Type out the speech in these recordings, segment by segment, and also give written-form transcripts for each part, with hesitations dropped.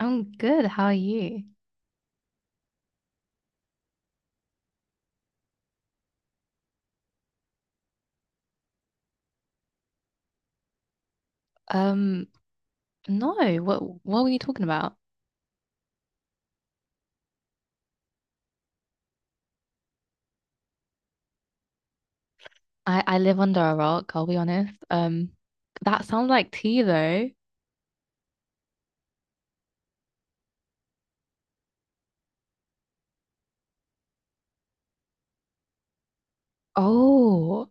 I'm good. How are you? Um, no, what were you talking about? I live under a rock, I'll be honest. That sounds like tea though. Oh,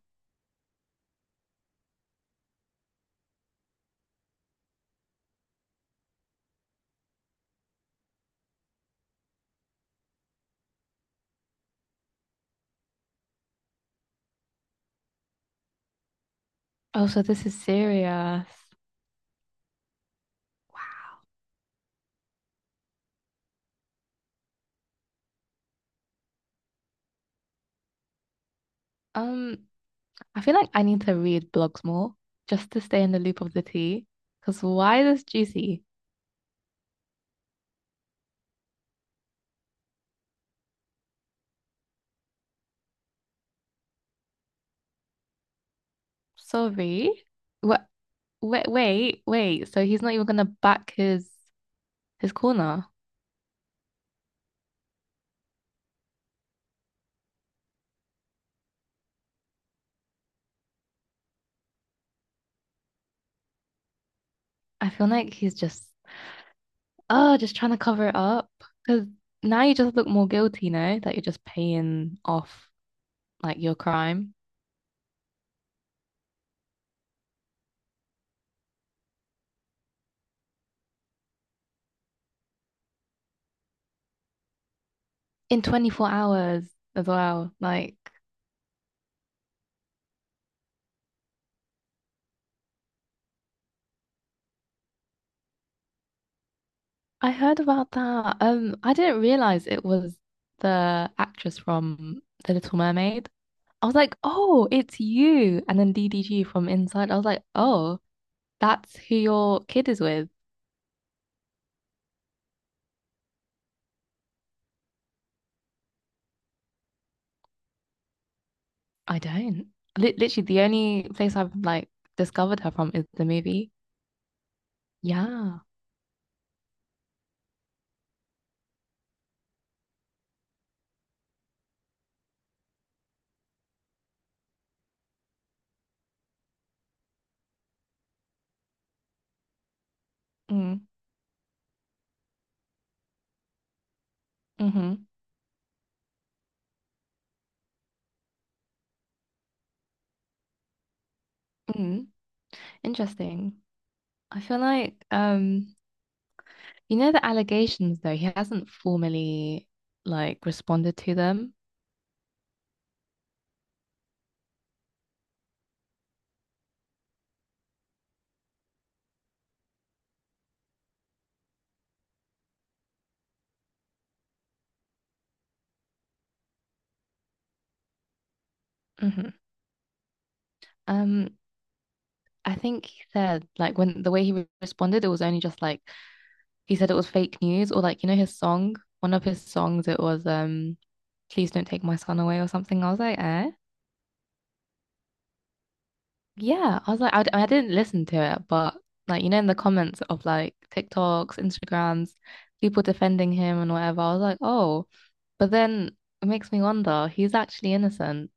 oh, so this is serious. Um, I feel like I need to read blogs more just to stay in the loop of the tea. Because why this juicy? Sorry. What? Wait, wait, wait. So he's not even gonna back his corner. I feel like he's just oh, just trying to cover it up. Because now you just look more guilty, no? That you're just paying off like your crime in 24 hours as well. Like, I heard about that. I didn't realize it was the actress from The Little Mermaid. I was like, oh, it's you. And then DDG from inside. I was like, oh, that's who your kid is with. I don't. Literally, the only place I've like discovered her from is the movie. Yeah. Mm, hmm Mm, Interesting. I feel like you know the allegations though, he hasn't formally like responded to them. hmm Um, I think he said like when the way he responded, it was only just like he said it was fake news or like you know his song, one of his songs, it was please don't take my son away or something. I was like, eh? Yeah, I was like, I didn't listen to it, but like, you know, in the comments of like TikToks, Instagrams, people defending him and whatever, I was like, oh, but then it makes me wonder, he's actually innocent,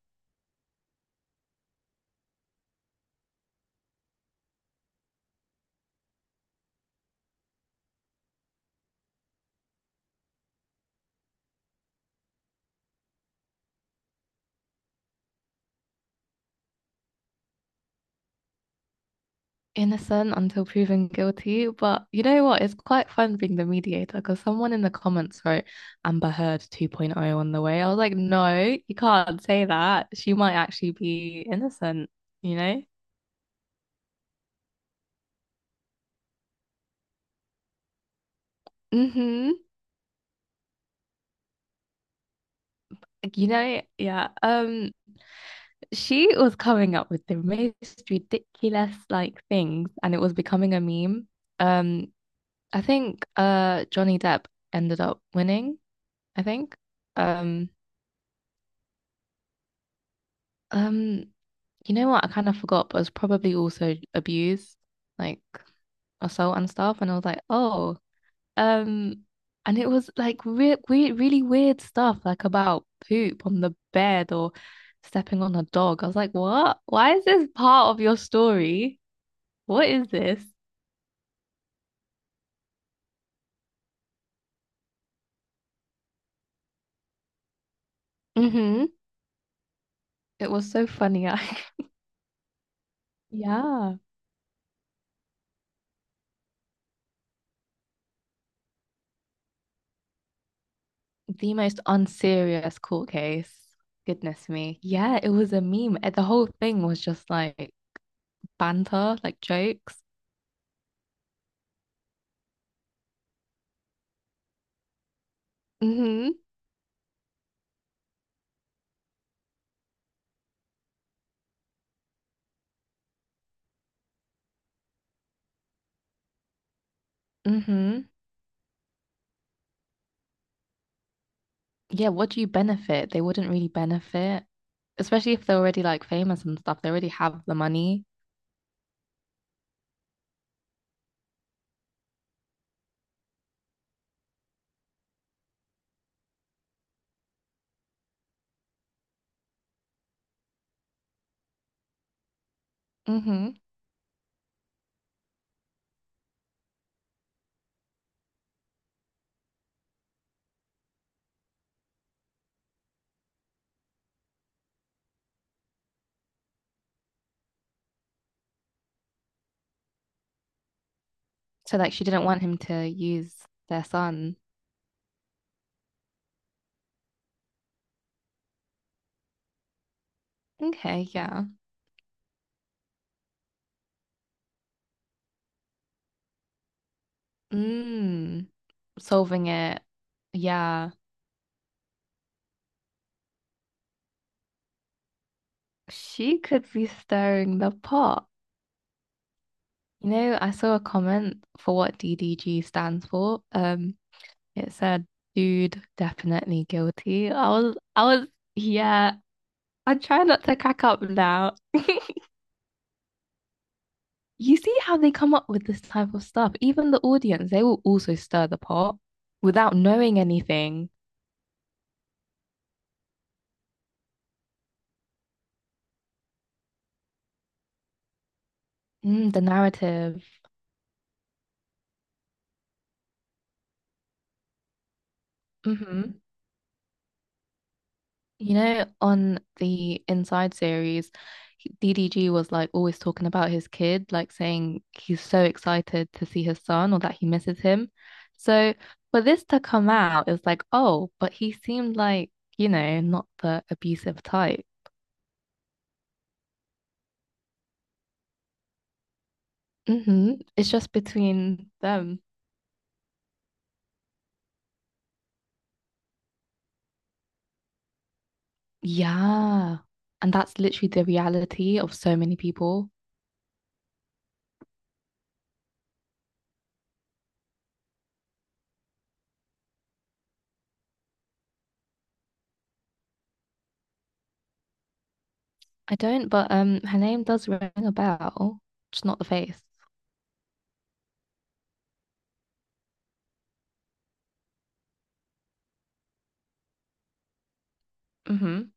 innocent until proven guilty. But you know what? It's quite fun being the mediator because someone in the comments wrote Amber Heard 2.0 on the way. I was like, no, you can't say that. She might actually be innocent, you know? Mm-hmm. You know, yeah. She was coming up with the most ridiculous like things and it was becoming a meme. Um, I think Johnny Depp ended up winning, I think. Um, um, you know what? I kind of forgot, but it was probably also abuse, like assault and stuff. And I was like, oh, um, and it was like weird, weird, really weird stuff, like about poop on the bed or stepping on a dog. I was like, what? Why is this part of your story? What is this? hmm It was so funny. I Yeah. The most unserious court case. Goodness me. Yeah, it was a meme. The whole thing was just like banter, like jokes. Mm-hmm. Mm-hmm. Yeah, what do you benefit? They wouldn't really benefit, especially if they're already like famous and stuff. They already have the money. Mm-hmm. So like she didn't want him to use their son. Okay, yeah. Mm. Solving it. Yeah. She could be stirring the pot. You know, I saw a comment for what DDG stands for. It said, "Dude, definitely guilty." I was, yeah. I try not to crack up now. You see how they come up with this type of stuff. Even the audience, they will also stir the pot without knowing anything. Mm, the narrative. hmm You know, on the Inside series, DDG was like always talking about his kid, like saying he's so excited to see his son or that he misses him. So for this to come out, it was like, oh, but he seemed like, you know, not the abusive type. It's just between them. Yeah. And that's literally the reality of so many people. I don't, but her name does ring a bell, just not the face. hmm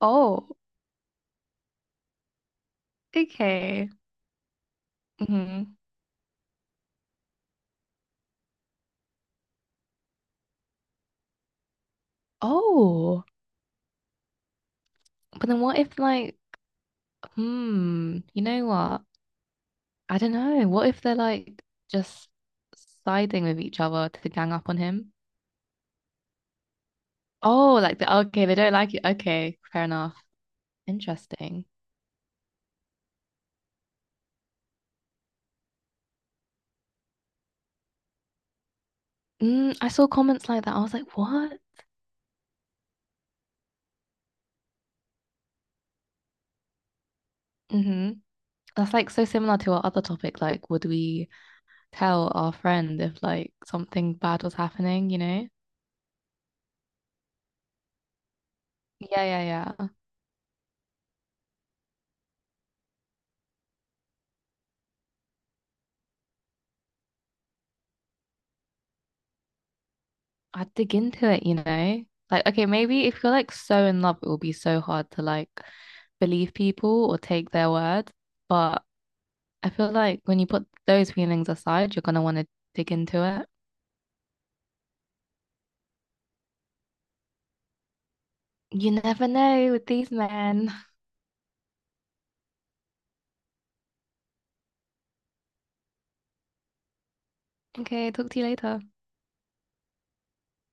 Oh, okay. hmm Oh, but then what if like, hmm, you know what? I don't know. What if they're like just siding with each other to gang up on him? Oh, like the okay, they don't like it. Okay, fair enough. Interesting. Mm, I saw comments like that. I was like, what? hmm That's like so similar to our other topic. Like, would we tell our friend if like something bad was happening, you know? Yeah, yeah, yeah. I'd dig into it, you know? Like, okay, maybe if you're like so in love, it will be so hard to like believe people or take their word. But I feel like when you put those feelings aside, you're gonna want to dig into it. You never know with these men. Okay, talk to you later.